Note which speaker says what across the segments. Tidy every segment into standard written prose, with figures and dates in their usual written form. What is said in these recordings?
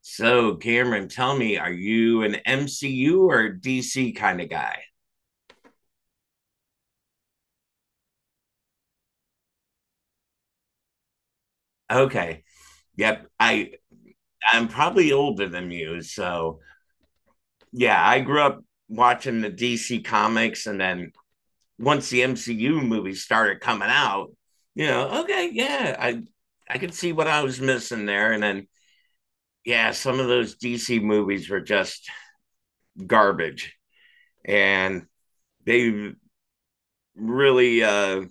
Speaker 1: So, Cameron, tell me, are you an MCU or DC kind of guy? Okay. Yep. I'm probably older than you, so yeah, I grew up watching the DC comics, and then once the MCU movies started coming out, okay, yeah, I could see what I was missing there. And then yeah, some of those DC movies were just garbage, and they really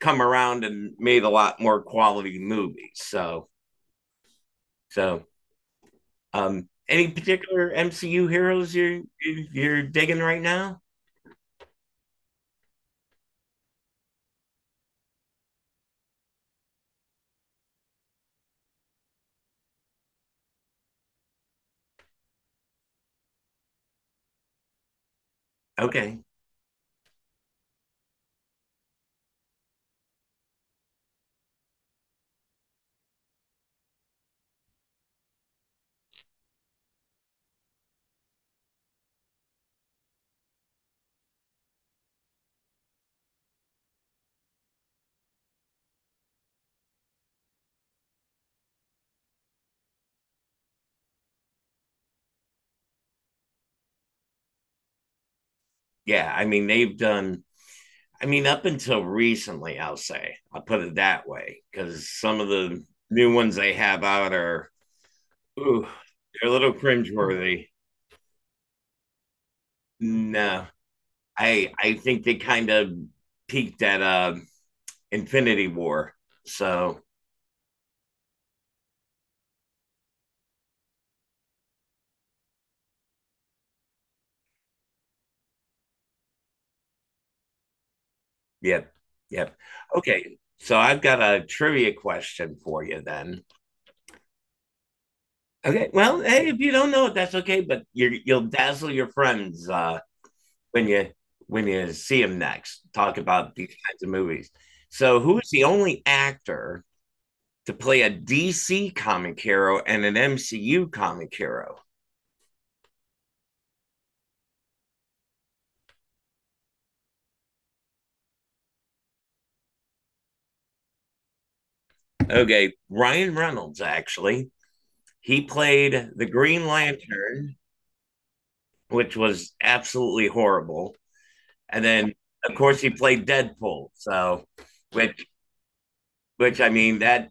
Speaker 1: come around and made a lot more quality movies. So, any particular MCU heroes you're digging right now? Okay, yeah, I mean they've done. I mean up until recently, I'll put it that way because some of the new ones they have out are, ooh, they're a little cringeworthy. No, I think they kind of peaked at Infinity War. So. Yep. Yep. Okay. So I've got a trivia question for you then. Okay. Well, hey, if you don't know it, that's okay. But you'll dazzle your friends, when you when you see them next. Talk about these kinds of movies. So, who is the only actor to play a DC comic hero and an MCU comic hero? Okay, Ryan Reynolds, actually. He played the Green Lantern, which was absolutely horrible. And then, of course, he played Deadpool. So, which, which, I mean, that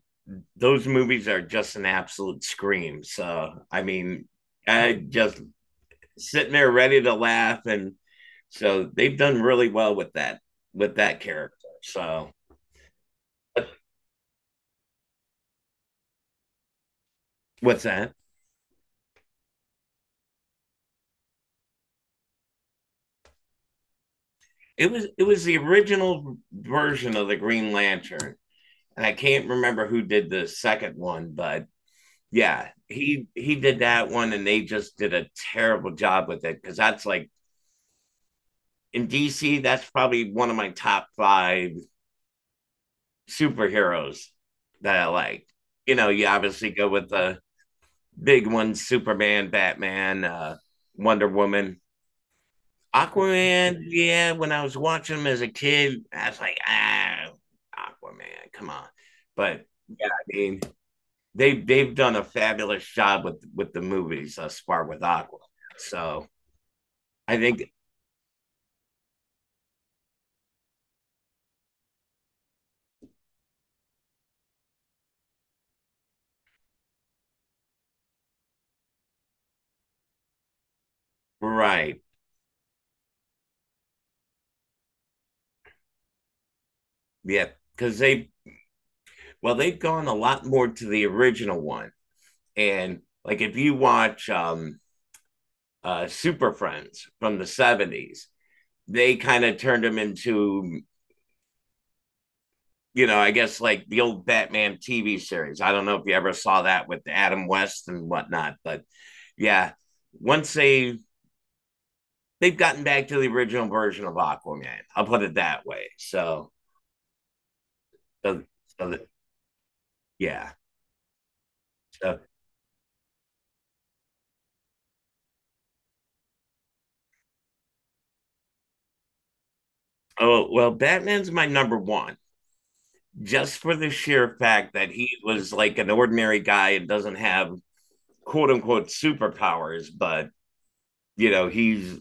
Speaker 1: those movies are just an absolute scream. So, I mean, I just sitting there ready to laugh, and so they've done really well with that character. So, what's that? It was the original version of the Green Lantern, and I can't remember who did the second one, but yeah, he did that one, and they just did a terrible job with it because that's like in DC, that's probably one of my top five superheroes that I like. You obviously go with the big ones: Superman, Batman, Wonder Woman. Aquaman, yeah, when I was watching him as a kid, I was like, ah, Aquaman, come on. But yeah, I mean, they've done a fabulous job with the movies thus far with Aqua. So I think, right, yeah, because they well, they've gone a lot more to the original one. And like, if you watch Super Friends from the 70s, they kind of turned him into, I guess, like the old Batman TV series. I don't know if you ever saw that with Adam West and whatnot, but yeah, once they've gotten back to the original version of Aquaman, I'll put it that way. So, so, yeah. So, oh well, Batman's my number one just for the sheer fact that he was like an ordinary guy and doesn't have, quote unquote, superpowers, but he's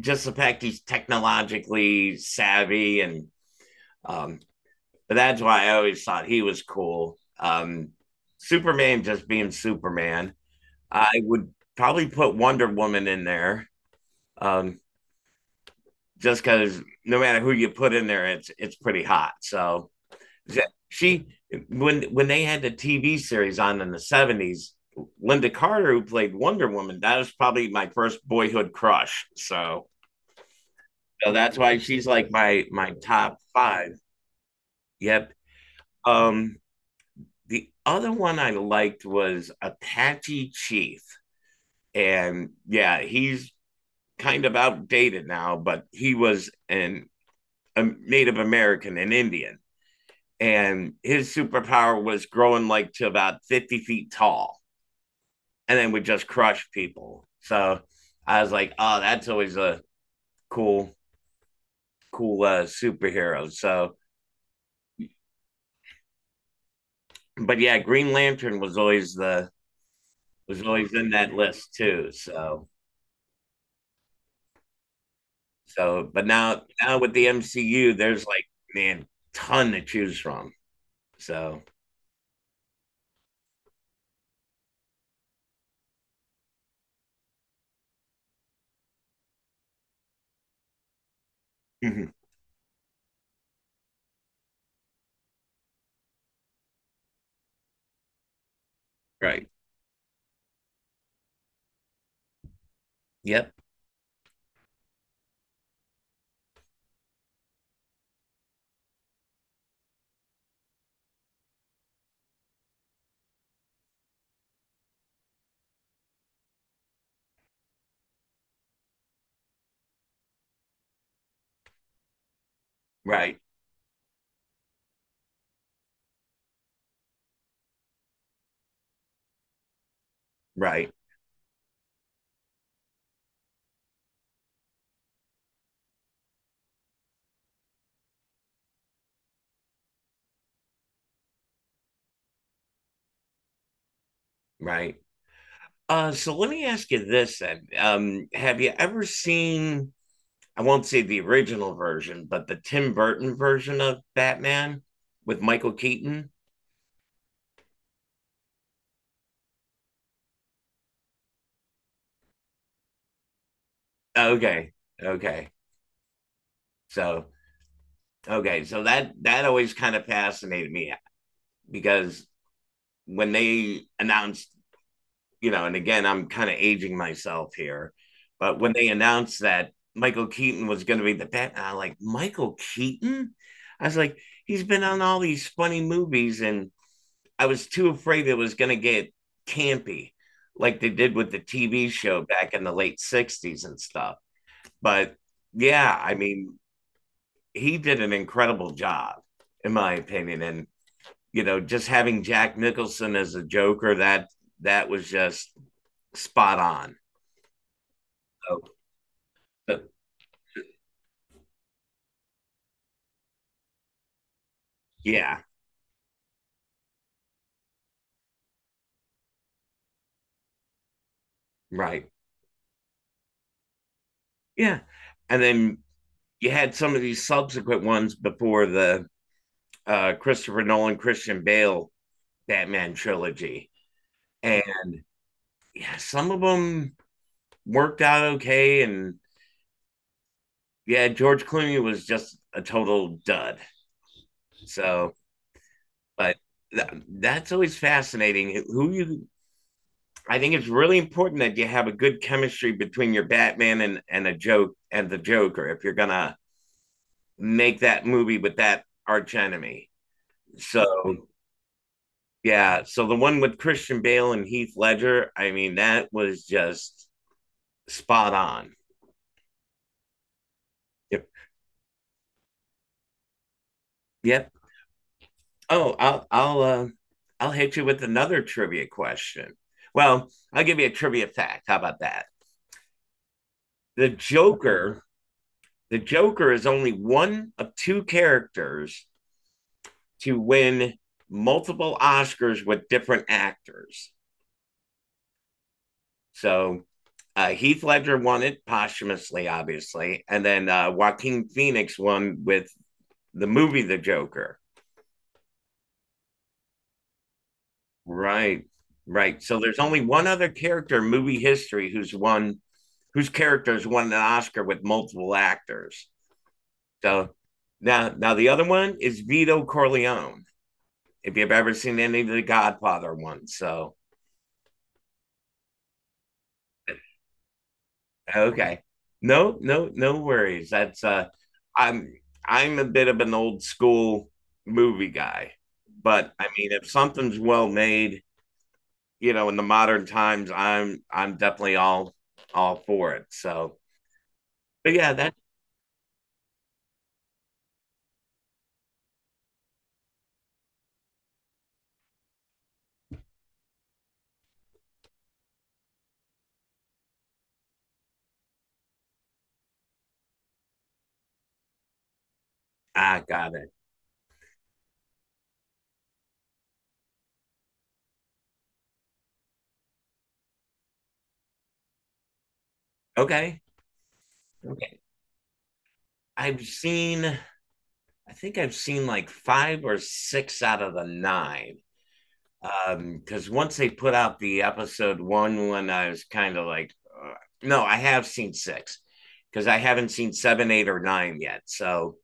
Speaker 1: just the fact he's technologically savvy, and um but that's why I always thought he was cool. Superman just being Superman. I would probably put Wonder Woman in there. Um just because no matter who you put in there, it's pretty hot. So she when they had the TV series on in the '70s, Linda Carter, who played Wonder Woman, that was probably my first boyhood crush. So, that's why she's like my top five. Yep. Um, the other one I liked was Apache Chief, and yeah, he's kind of outdated now, but he was an a Native American, an Indian, and his superpower was growing like to about 50 feet tall and then would just crush people. So I was like, oh, that's always a cool, cool superhero. So, but yeah, Green Lantern was always in that list too. So, but now with the MCU, there's, like, man, ton to choose from. So, right, yep, right, right, right. So, let me ask you this then: have you ever seen, I won't say the original version, but the Tim Burton version of Batman with Michael Keaton. Okay. Okay. So, okay. So that always kind of fascinated me because when they announced, and again, I'm kind of aging myself here, but when they announced that Michael Keaton was going to be the Batman, I'm like, Michael Keaton? I was like, he's been on all these funny movies, and I was too afraid it was going to get campy, like they did with the TV show back in the late '60s and stuff. But yeah, I mean, he did an incredible job, in my opinion. And just having Jack Nicholson as a Joker, that was just spot on. So, but yeah, right, yeah. And then you had some of these subsequent ones before the Christopher Nolan, Christian Bale Batman trilogy, and some of them worked out okay. And yeah, George Clooney was just a total dud. So, but that's always fascinating. I think it's really important that you have a good chemistry between your Batman and the Joker if you're going to make that movie with that arch enemy. So, yeah. So the one with Christian Bale and Heath Ledger, I mean, that was just spot on. Yep. Yep. Oh, I'll hit you with another trivia question. Well, I'll give you a trivia fact. How about that? The Joker, the Joker is only one of two characters to win multiple Oscars with different actors. So Heath Ledger won it posthumously, obviously, and then Joaquin Phoenix won with the movie The Joker. Right, right. So there's only one other character in movie history, who's won whose characters won an Oscar with multiple actors. So now the other one is Vito Corleone. If you've ever seen any of the Godfather ones, so okay, no, no, no worries. That's I'm I'm a bit of an old school movie guy, but I mean, if something's well made, in the modern times, I'm definitely all for it. So, but yeah, that. I got it. Okay, okay. I've seen I think I've seen like five or six out of the nine. Because once they put out the episode one, when I was kind of like, uh, no, I have seen six because I haven't seen seven, eight, or nine yet. So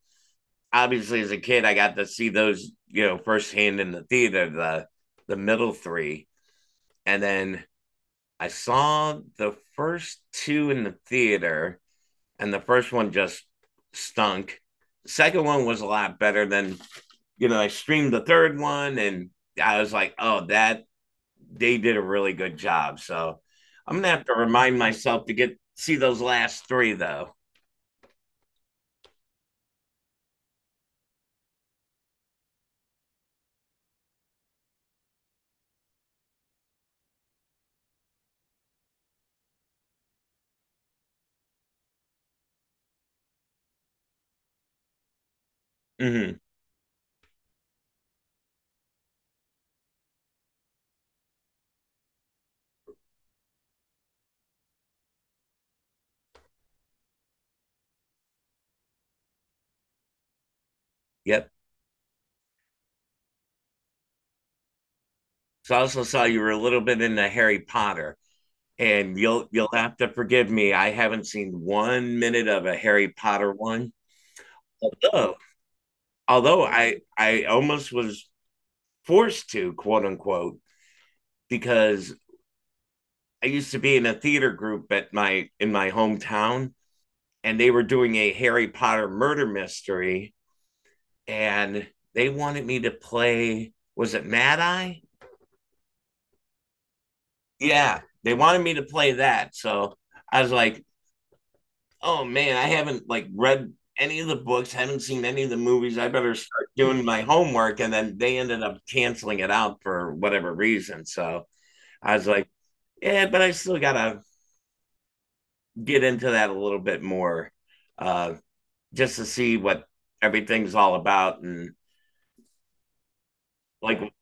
Speaker 1: obviously, as a kid, I got to see those, firsthand in the theater, the middle three, and then I saw the first two in the theater, and the first one just stunk. The second one was a lot better than, I streamed the third one, and I was like, oh, that they did a really good job. So I'm gonna have to remind myself to get see those last three though. Mm-hmm. Yep. So I also saw you were a little bit into Harry Potter, and you'll have to forgive me, I haven't seen one minute of a Harry Potter one, although I almost was forced to, quote unquote, because I used to be in a theater group at my in my hometown, and they were doing a Harry Potter murder mystery, and they wanted me to play. Was it Mad Eye? Yeah, they wanted me to play that. So I was like, oh man, I haven't like read any of the books, haven't seen any of the movies. I better start doing my homework. And then they ended up canceling it out for whatever reason. So I was like, yeah, but I still got to get into that a little bit more, uh, just to see what everything's all about. And like,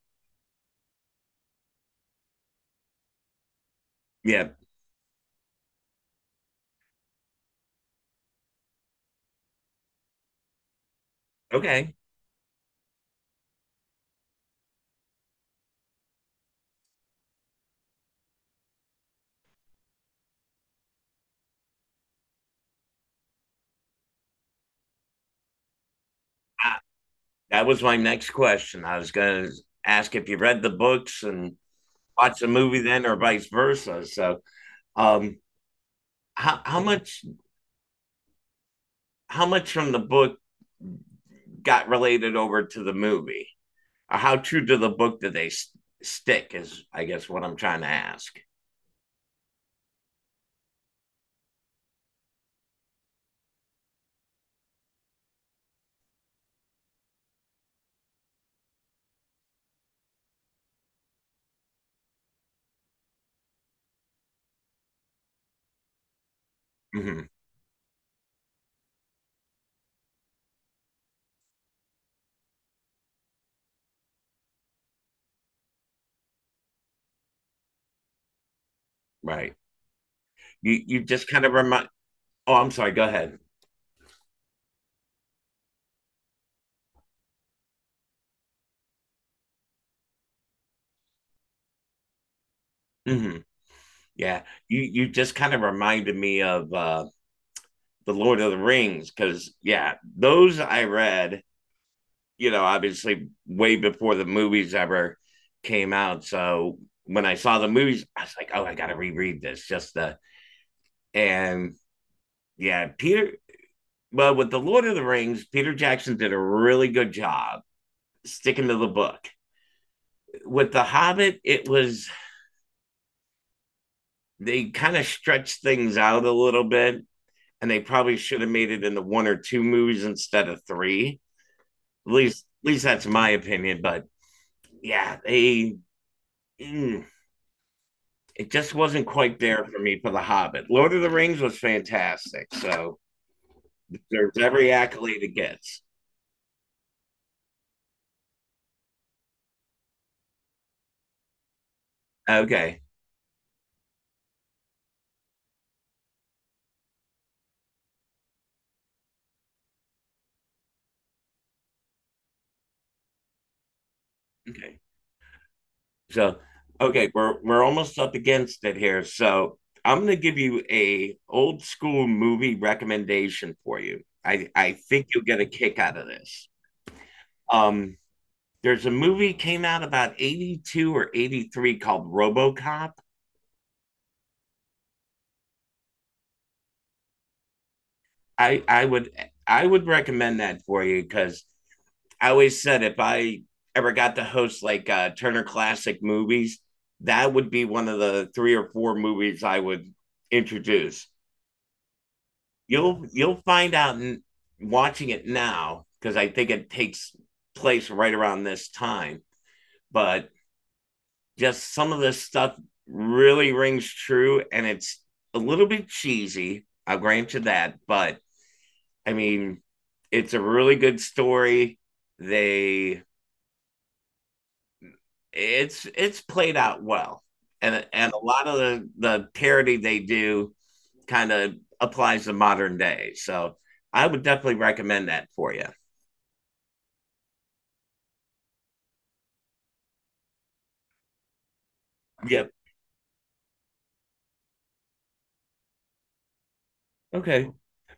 Speaker 1: yeah, okay, I, that was my next question. I was going to ask if you read the books and watched the movie then, or vice versa. So, um, how how much how much from the book got related over to the movie? Or how true to the book did they stick? Is, I guess, what I'm trying to ask. Hmm. Right. You just kind of remind. Oh, I'm sorry. Go ahead. Hmm. Yeah. You just kind of reminded me of the Lord of the Rings because yeah, those I read, obviously way before the movies ever came out. So when I saw the movies, I was like, oh, I got to reread this, just the and yeah, Peter. Well, with the Lord of the Rings, Peter Jackson did a really good job sticking to the book. With the Hobbit, it was they kind of stretched things out a little bit, and they probably should have made it into one or two movies instead of three. At least, that's my opinion. But yeah, mm, it just wasn't quite there for me for The Hobbit. Lord of the Rings was fantastic, so there's every accolade it gets. Okay, okay, so okay, we're almost up against it here, so I'm gonna give you a old school movie recommendation for you. I think you'll get a kick out of this. Um, there's a movie came out about '82 or '83 called RoboCop. I I would I would recommend that for you because I always said if I ever got to host, like, Turner Classic Movies, that would be one of the three or four movies I would introduce. You'll find out, watching it now, because I think it takes place right around this time. But just some of this stuff really rings true, and it's a little bit cheesy. I'll grant you that, but I mean, it's a really good story. They it's played out well, and a lot of the parody they do kind of applies to modern day. So I would definitely recommend that for you. Yep. Okay.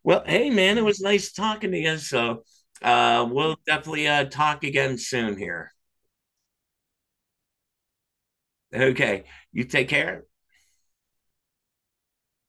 Speaker 1: Well, hey man, it was nice talking to you. So we'll definitely talk again soon here. Okay. You take care.